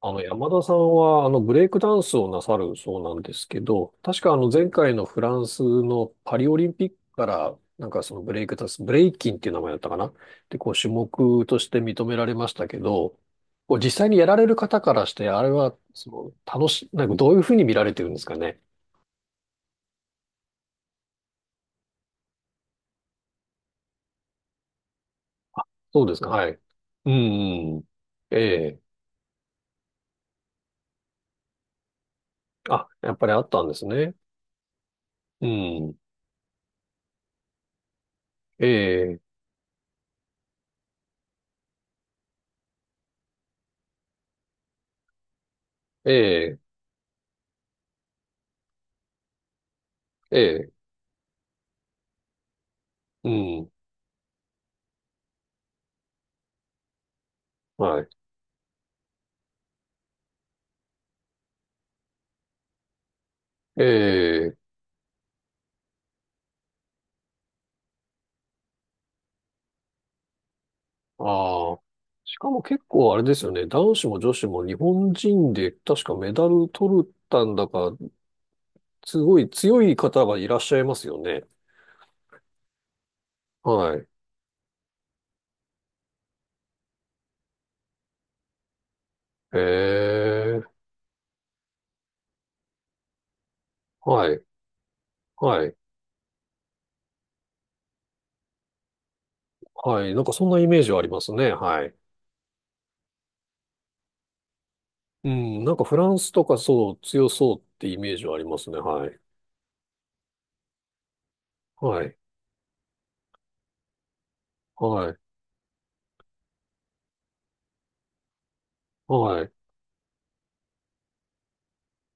山田さんは、ブレイクダンスをなさるそうなんですけど、確か前回のフランスのパリオリンピックから、なんかそのブレイクダンス、ブレイキンっていう名前だったかな。で、こう、種目として認められましたけど、こう、実際にやられる方からして、あれは、その、なんかどういうふうに見られてるんですかね。そうですか、はい。うん、うん。ええ。あ、やっぱりあったんですね。うん。ええ、ええ、ええ、うん。はい。ええ。ああ。しかも結構あれですよね。男子も女子も日本人で確かメダル取ったんだか、すごい強い方がいらっしゃいますよね。はい。へえ。はい。はい。はい。なんかそんなイメージはありますね。はい。うん。なんかフランスとかそう、強そうってイメージはありますね。はい。はい。はい。はい。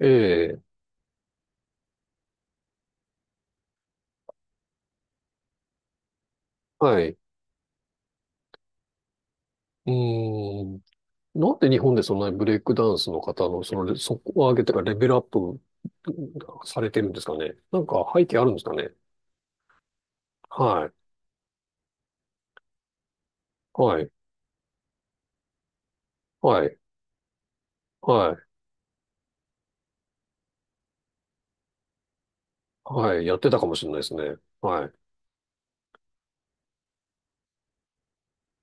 ええ。はい。うーん。なんで日本でそんなにブレイクダンスの方の、その、そこを上げてかレベルアップされてるんですかね。なんか背景あるんですかね。はい。はい。はい。はい。はい。やってたかもしれないですね。はい。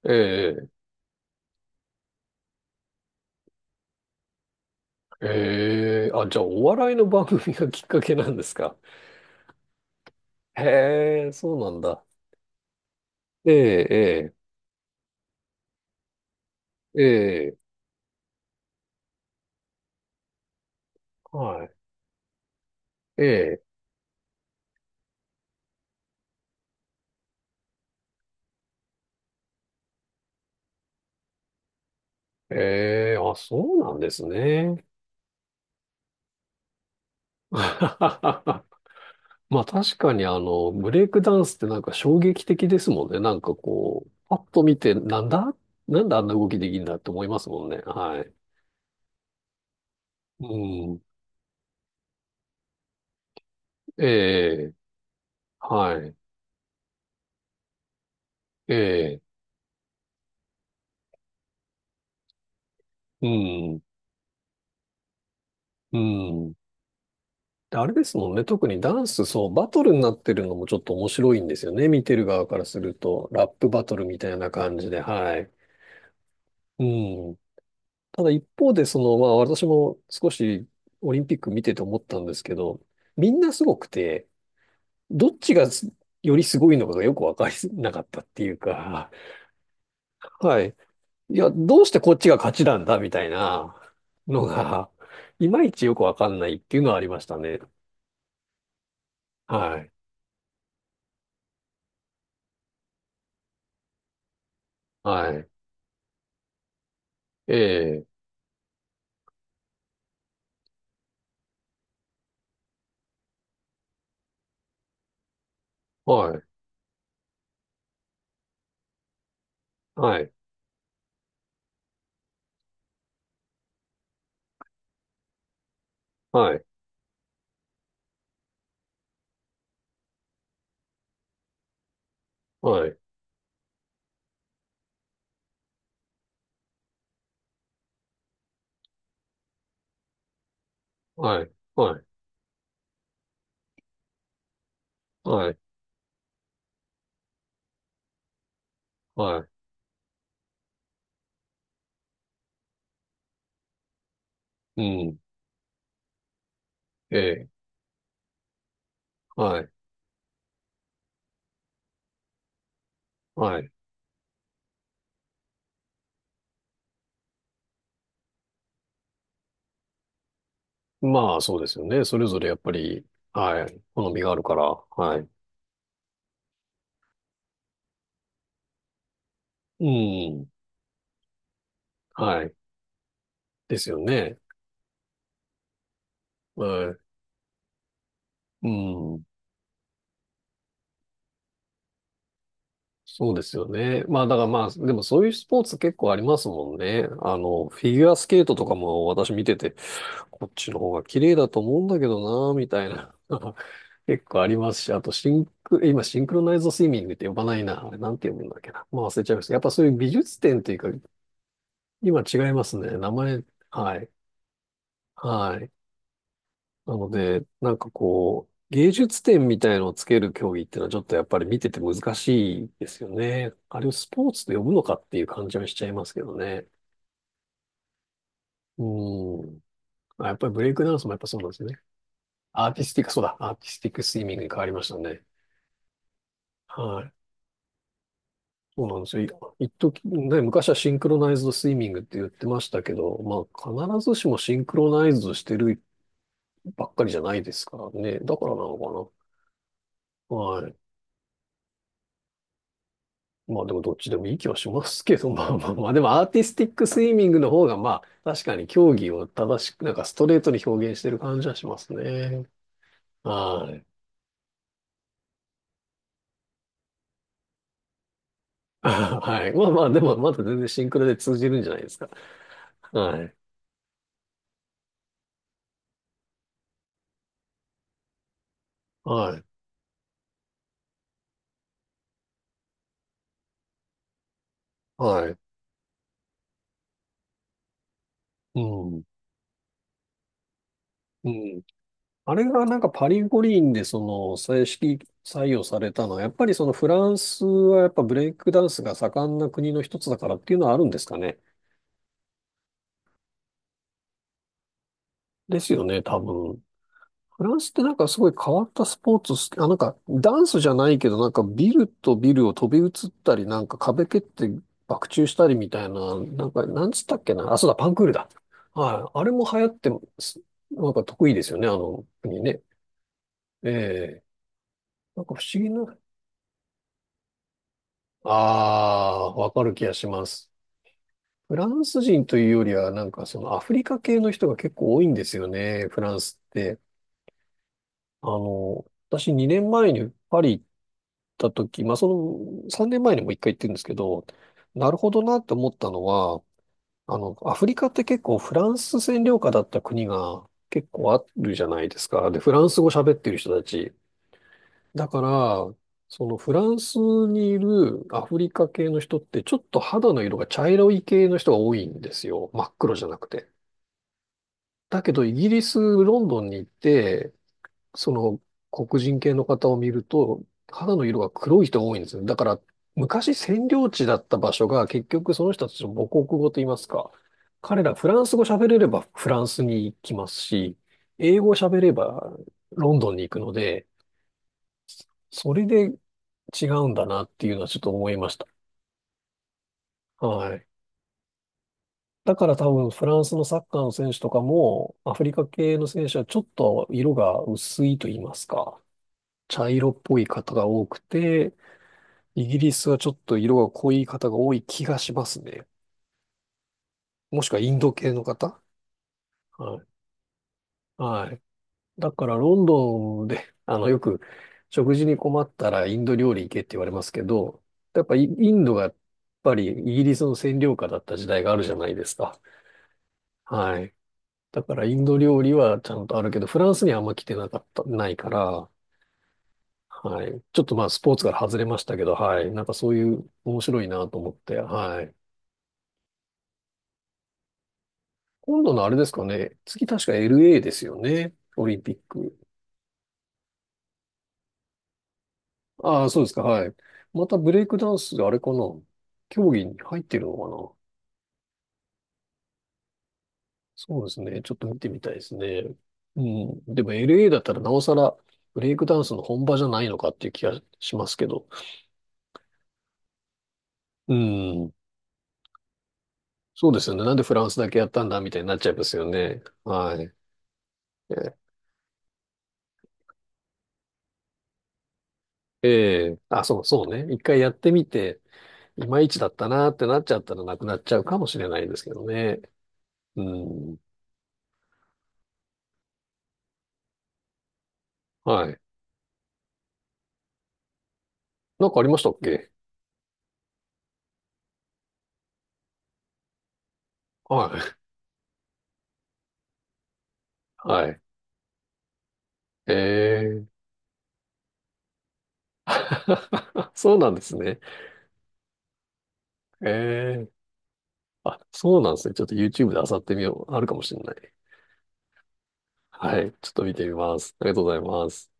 ええ、ええ、あ、じゃあお笑いの番組がきっかけなんですか？へえ、そうなんだ。ええ、ええ、ええ、はい。ええ、ええ、あ、そうなんですね。まあ確かにブレイクダンスってなんか衝撃的ですもんね。なんかこう、パッと見て、なんだなんであんな動きできるんだって思いますもんね。はい。うん。ええ、はい。ええ、うん。うん。であれですもんね。特にダンス、そう、バトルになってるのもちょっと面白いんですよね。見てる側からすると。ラップバトルみたいな感じで、はい。うん。ただ一方で、その、まあ私も少しオリンピック見てて思ったんですけど、みんなすごくて、どっちがすよりすごいのかがよくわかりなかったっていうか、はい。いや、どうしてこっちが勝ちなんだみたいなのが、いまいちよくわかんないっていうのはありましたね。はい。はい。ええ。はい。はい。はい。はい。はい。はい。はい。はい。うん。ええ。はい。はい。まあ、そうですよね。それぞれやっぱり、はい。好みがあるから、はい。うん。はい。ですよね。はい。うん。そうですよね。まあだからまあ、でもそういうスポーツ結構ありますもんね。フィギュアスケートとかも私見てて、こっちの方が綺麗だと思うんだけどな、みたいな。結構ありますし、あとシンク、今シンクロナイズドスイミングって呼ばないな。あれなんて呼ぶんだっけな。まあ忘れちゃいました。やっぱそういう美術展というか、今違いますね。名前、はい。はい。なので、なんかこう、芸術点みたいのをつける競技っていうのはちょっとやっぱり見てて難しいですよね。あれをスポーツと呼ぶのかっていう感じはしちゃいますけどね。うん。あ、やっぱりブレイクダンスもやっぱそうなんですよね。アーティスティック、そうだ、アーティスティックスイミングに変わりましたね。はい。そうなんですよ。一時、ね、昔はシンクロナイズドスイミングって言ってましたけど、まあ必ずしもシンクロナイズドしてるばっかりじゃないですからね。だからなのかな。はい。まあでもどっちでもいい気はしますけど、まあまあまあ、でもアーティスティックスイミングの方がまあ確かに競技を正しく、なんかストレートに表現してる感じはしますね。はい。はい。まあまあ、でもまだ全然シンクロで通じるんじゃないですか？はい。はい。はい。うん。うん。あれがなんかパリ五輪でその正式採用されたのは、やっぱりそのフランスはやっぱブレイクダンスが盛んな国の一つだからっていうのはあるんですかね。ですよね、多分。フランスってなんかすごい変わったスポーツ好き、あ、なんかダンスじゃないけど、なんかビルとビルを飛び移ったり、なんか壁蹴って爆中したりみたいな、なんか、なんつったっけな。あ、そうだ、パンクールだ。はい。あれも流行ってます、なんか得意ですよね、あの国ね。ええ。なんか不思議な。ああ、わかる気がします。フランス人というよりは、なんかそのアフリカ系の人が結構多いんですよね、フランスって。あの、私2年前にパリ行た時、まあ、その3年前にも一回行ってるんですけど、なるほどなって思ったのは、アフリカって結構フランス占領下だった国が結構あるじゃないですか。で、フランス語喋ってる人たち。だから、そのフランスにいるアフリカ系の人ってちょっと肌の色が茶色い系の人が多いんですよ。真っ黒じゃなくて。だけどイギリス、ロンドンに行って、その黒人系の方を見ると、肌の色が黒い人が多いんですよ。だから、昔占領地だった場所が結局その人たちの母国語と言いますか、彼らフランス語喋れればフランスに行きますし、英語喋ればロンドンに行くので、それで違うんだなっていうのはちょっと思いました。はい。だから多分フランスのサッカーの選手とかも、アフリカ系の選手はちょっと色が薄いと言いますか、茶色っぽい方が多くて、イギリスはちょっと色が濃い方が多い気がしますね。もしくはインド系の方。はい。はい。だからロンドンで、よく食事に困ったらインド料理行けって言われますけど、やっぱインドがやっぱりイギリスの占領下だった時代があるじゃないですか。はい。だからインド料理はちゃんとあるけど、フランスにはあんま来てなかった、ないから、はい。ちょっとまあスポーツから外れましたけど、はい。なんかそういう面白いなと思って、はい。今度のあれですかね。次確か LA ですよね。オリンピック。ああ、そうですか。はい。またブレイクダンスがあれかな。競技に入ってるのかな。そうですね。ちょっと見てみたいですね。うん。でも LA だったらなおさらブレイクダンスの本場じゃないのかっていう気がしますけど。うん。そうですよね。なんでフランスだけやったんだみたいになっちゃいますよね。はい。えええあ、そうそうね。一回やってみて、いまいちだったなってなっちゃったらなくなっちゃうかもしれないですけどね。うん。はい。なんかありましたっけ？はい。はい。えー。そうなんですね。えー。あ、そうなんですね。ちょっと YouTube で漁ってみよう。あるかもしれない。はい。ちょっと見てみます。ありがとうございます。